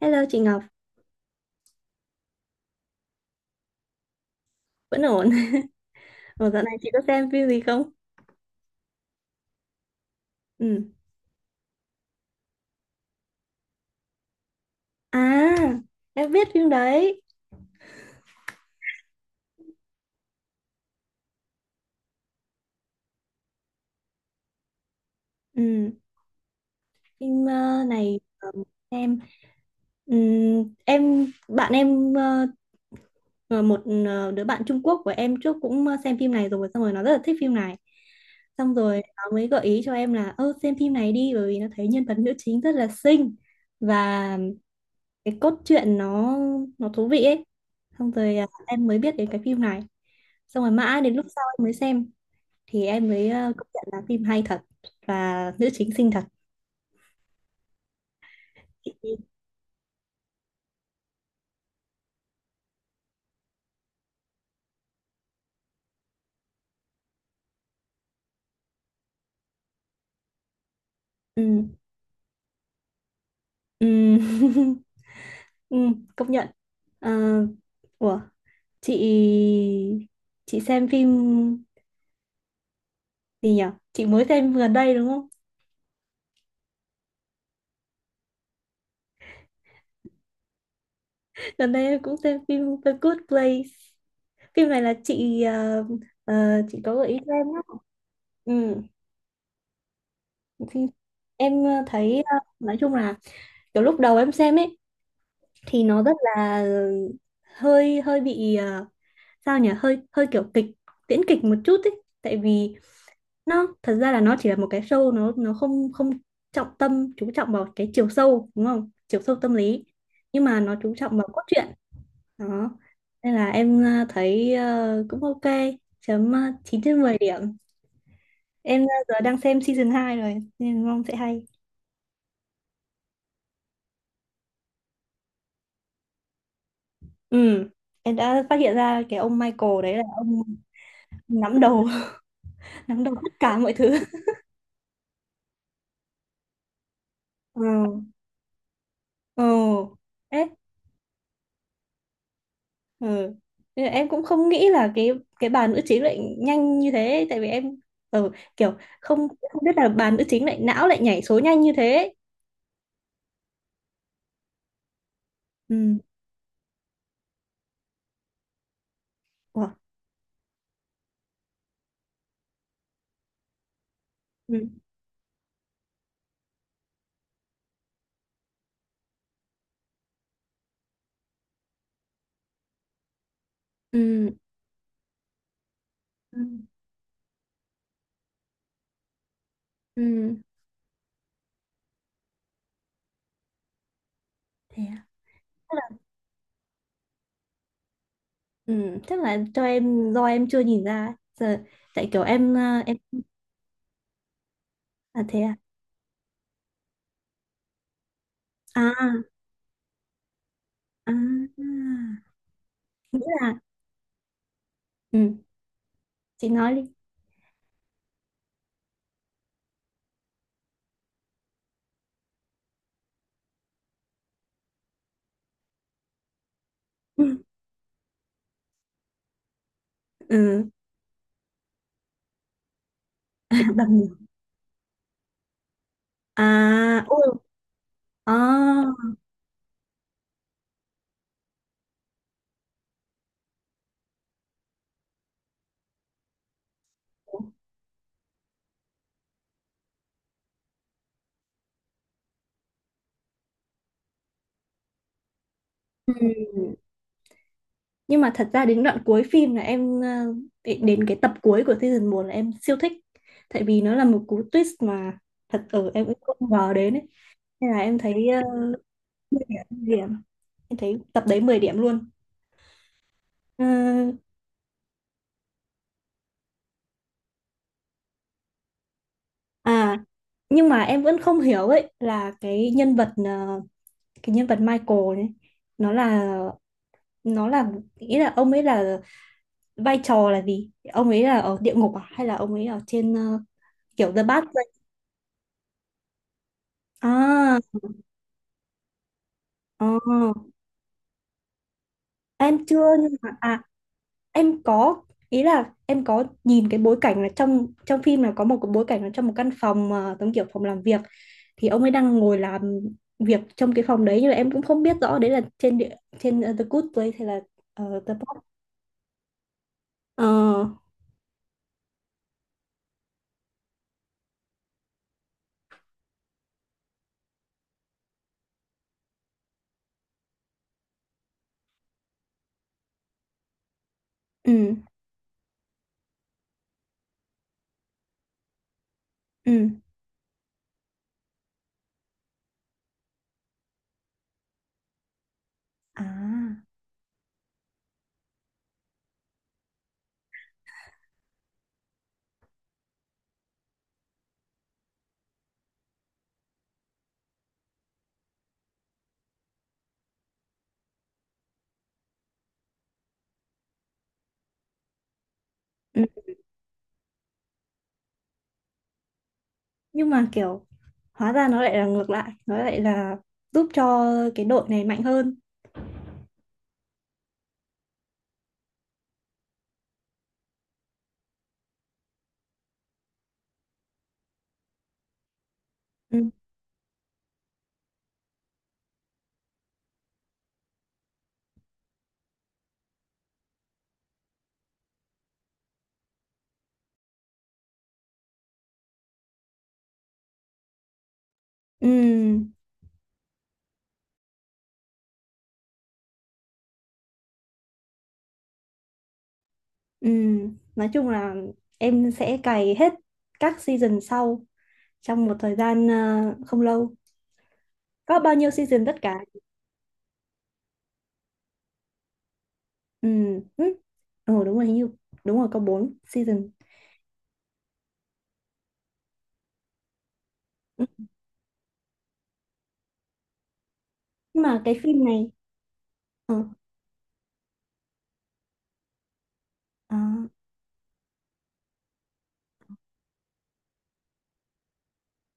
Hello chị Ngọc, vẫn ổn. Ủa dạo này chị có xem phim gì không? Ừ. À, em biết phim đấy. Ừ. Phim này, em em bạn em, ờ, một đứa bạn Trung Quốc của em trước cũng xem phim này rồi, xong rồi nó rất là thích phim này. Xong rồi nó mới gợi ý cho em là ơ xem phim này đi, bởi vì nó thấy nhân vật nữ chính rất là xinh và cái cốt truyện nó thú vị ấy, xong rồi em mới biết đến cái phim này, xong rồi mãi đến lúc sau em mới xem, thì em mới công nhận là phim hay thật và nữ chính xinh thật. Ừ, ừ, ừ, công nhận. Ờ, ủa, chị chị xem phim gì nhỉ, chị mới xem gần đây đúng không? Gần đây em cũng xem phim The Good Place. Phim này là chị chị có gợi ý cho em đó. Ừ. Phim em thấy nói chung là kiểu lúc đầu em xem ấy thì nó rất là hơi hơi bị sao nhỉ, hơi hơi kiểu kịch tiễn kịch một chút ấy, tại vì nó thật ra là nó chỉ là một cái show, nó không không trọng tâm chú trọng vào cái chiều sâu, đúng không, chiều sâu tâm lý, nhưng mà nó chú trọng vào cốt truyện đó. Nên là em thấy cũng ok, chấm 9 trên 10 điểm. Em giờ đang xem season 2 rồi nên mong sẽ hay. Ừ, em đã phát hiện ra cái ông Michael đấy là ông nắm đầu, nắm đầu tất cả mọi thứ. Ừ. Ừ. Ê, ừ. Thế là em cũng không nghĩ là cái bà nữ chính lại nhanh như thế, tại vì em, ừ, kiểu không không biết là bà nữ chính lại não, lại nhảy số nhanh như thế. Ừ. Ủa. Ừ. Ừ. Ừ. Ừ. Thế à? Tức là, ừ, chắc là cho em do em chưa nhìn ra ấy. Giờ tại kiểu em à thế à. À à. À. Nghĩa là ừ. Chị nói đi. Ừ. À, bằng nhiều, à ui, à, ừ. Nhưng mà thật ra đến đoạn cuối phim là em đến đến cái tập cuối của season một là em siêu thích, tại vì nó là một cú twist mà thật ở em cũng không ngờ đến ấy, nên là em thấy uh, 10 điểm, 10 điểm. Em thấy tập đấy 10 điểm luôn. Ờ, à, nhưng mà em vẫn không hiểu ấy là cái nhân vật, cái nhân vật Michael này nó là, nó là, nghĩ là ông ấy là, vai trò là gì, ông ấy là ở địa ngục à hay là ông ấy ở trên, kiểu The Bad Place à. ờ, em chưa, nhưng mà à em có, ý là em có nhìn cái bối cảnh là trong trong phim là có một cái bối cảnh là trong một căn phòng, giống kiểu phòng làm việc, thì ông ấy đang ngồi làm việc trong cái phòng đấy nhưng mà em cũng không biết rõ đấy là trên địa, trên, The Good Place hay là The Bad. Ờ. Ừ. Ừ. À. Ừ. Nhưng mà kiểu hóa ra nó lại là ngược lại, nó lại là giúp cho cái đội này mạnh hơn. Ừ. Ừ. Ừ. Nói chung là em sẽ cày hết các season sau trong một thời gian không lâu. Có bao nhiêu season tất cả? Ừ. Ừ. Ờ, đúng rồi hình như, đúng rồi có 4 season. Ừ. Nhưng mà cái phim này, ờ, à,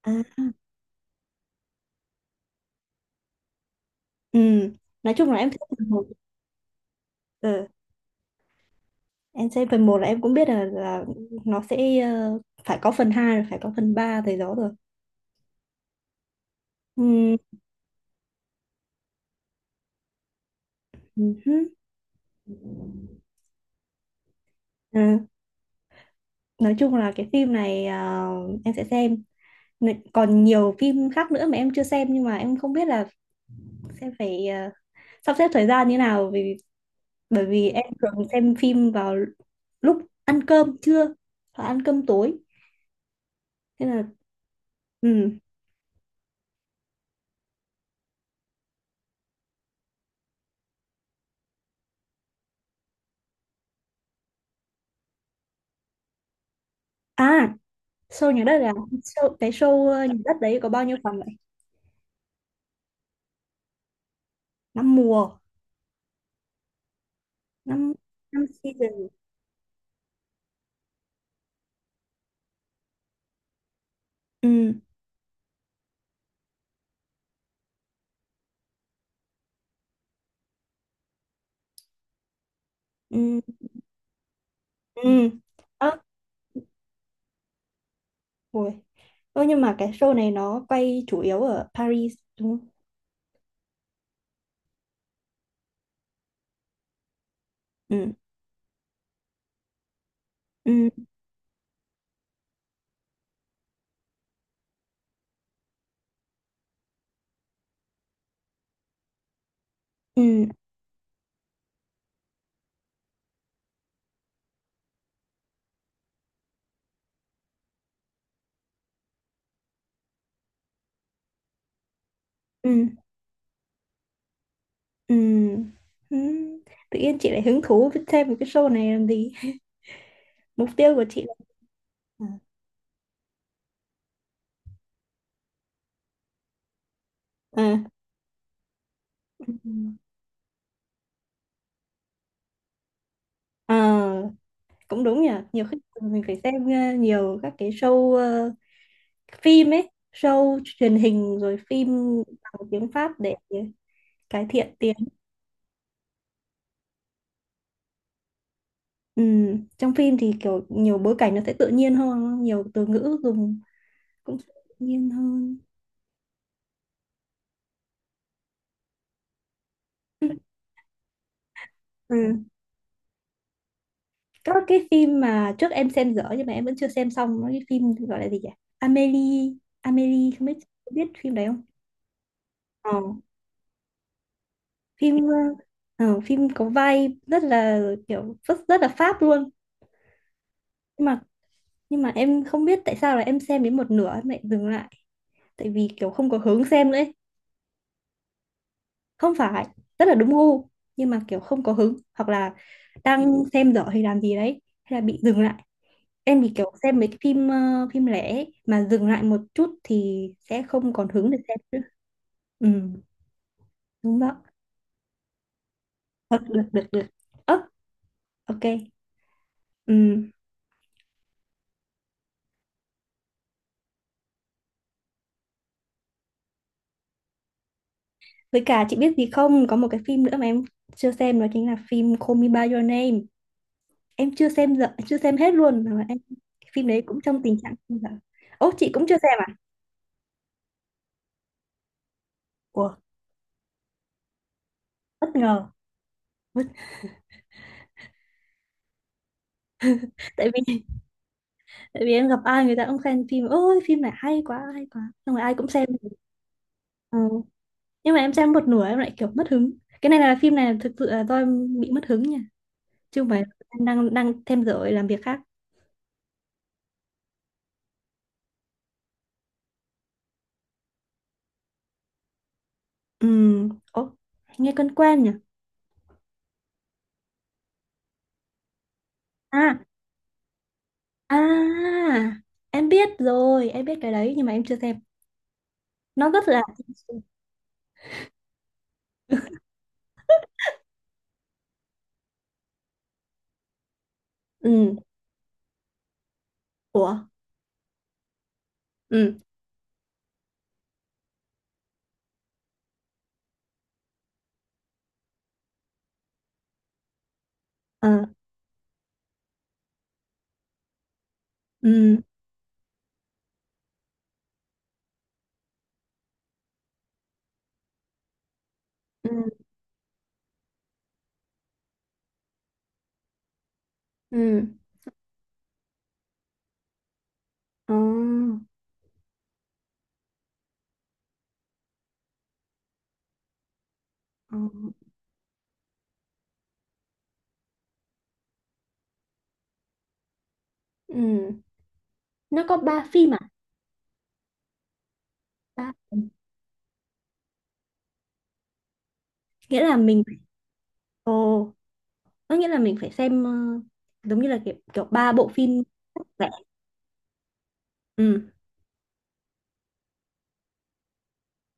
à, ừ, nói chung là em thích phần một. Ừ. Em xem phần một là em cũng biết là nó sẽ phải có phần 2 rồi phải có phần 3 thầy đó rồi. Ừ. Ừ hứ. À, nói chung là cái phim này à, em sẽ xem. N- Còn nhiều phim khác nữa mà em chưa xem, nhưng mà em không biết là sẽ phải, à, sắp xếp thời gian như nào, vì bởi vì em thường xem phim vào lúc ăn cơm trưa hoặc ăn cơm tối. Thế là ừ. À, show nhà đất à? Show, cái show nhà đất đấy có bao nhiêu phần vậy? Năm mùa, năm năm season. Ừ. Ừ. Ừ. Ờ. Ôi. Ơ, nhưng mà cái show này nó quay chủ yếu ở Paris đúng không? Ừ. Ừ. Ừ. Ừ. Ừ. Ừ. Tự nhiên chị lại hứng thú với thêm một cái show này làm gì? Mục tiêu của chị là, à, à, ừ. Ờ, cũng đúng nhỉ. Nhiều khi mình phải xem nhiều các cái show, phim ấy, show truyền hình rồi phim bằng tiếng Pháp để cải thiện tiếng. Ừ, trong phim thì kiểu nhiều bối cảnh nó sẽ tự nhiên hơn, nhiều từ ngữ dùng cũng sẽ tự nhiên hơn. Ừ. Ừ. Các cái phim mà trước em xem dở nhưng mà em vẫn chưa xem xong, nó cái phim gọi là gì nhỉ? Amélie, Amélie, không biết, biết phim đấy không? Ờ, phim phim có vai rất là, kiểu rất, rất là Pháp luôn. Nhưng mà nhưng mà em không biết tại sao là em xem đến một nửa em lại dừng lại, tại vì kiểu không có hứng xem nữa ấy. Không phải, rất là đúng gu, nhưng mà kiểu không có hứng hoặc là đang xem dở hay làm gì đấy hay là bị dừng lại. Em thì kiểu xem mấy cái phim phim lẻ ấy, mà dừng lại một chút thì sẽ không còn hứng để xem nữa. Ừ. Đúng đó. Được được được được. Ơ, ok, ừ. Với cả chị biết gì không, có một cái phim nữa mà em chưa xem đó chính là phim Call Me by Your Name. Em chưa xem dở, chưa xem hết luôn, mà em, cái phim đấy cũng trong tình trạng không dở. Ồ, chị cũng chưa xem à? Ủa, bất ngờ. Tại vì tại vì em gặp ai người ta cũng khen phim ôi phim này hay quá hay quá, xong rồi ai cũng xem. Ừ. Nhưng mà em xem một nửa em lại kiểu mất hứng. Cái này là phim này thực sự là do em bị mất hứng nha, chứ không phải em đang đang thêm giờ làm việc khác. Ừ. Ồ, nghe quen quen nhỉ. À, à, em biết rồi, em biết cái đấy nhưng mà em chưa xem. Nó rất là ừ, ủa, ừ, ờ, ừ, ừ, ừ, ờ, ờ, ừ. Nó có ba phim à? Ba, nghĩa là mình, ồ, có nghĩa là mình phải xem giống như là kiểu kiểu ba bộ phim lẻ. Ừ.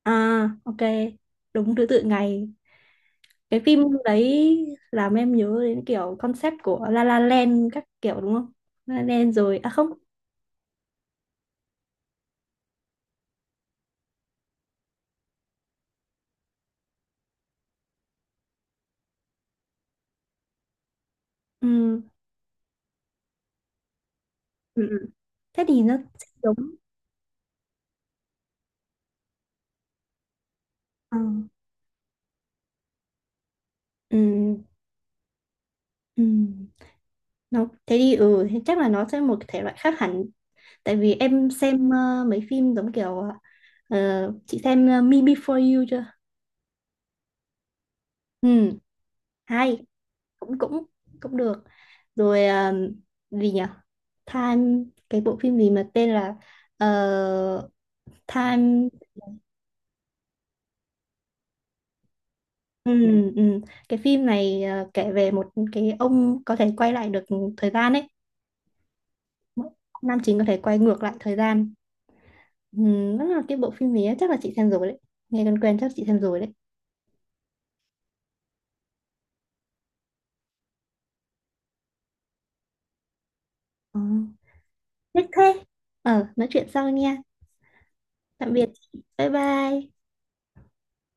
À. Ok, đúng thứ tự ngày, cái phim đấy làm em nhớ đến kiểu concept của La La Land các kiểu đúng không? La La Land rồi à không? Ừ, ừ. Ừ. Thế thì nó sẽ giống, ờ, ừ. Ừ. Nó, thế thì ừ thế chắc là nó sẽ một cái thể loại khác hẳn, tại vì em xem mấy phim giống kiểu ờ, chị xem Me Before You chưa? Ừ. Hay, cũng cũng cũng được. Rồi, à, gì nhỉ, Time, cái bộ phim gì mà tên là ờ, Time. Ừ, ừ. Cái phim này à, kể về một cái ông có thể quay lại được thời gian ấy. Nam chính có thể quay ngược lại thời gian. Ừ, đó là cái bộ phim này chắc là chị xem rồi đấy, nghe quen quen, chắc chị xem rồi đấy. Ừ. Thế thế. Ờ, nói chuyện sau nha. Tạm biệt chị. Bye bye.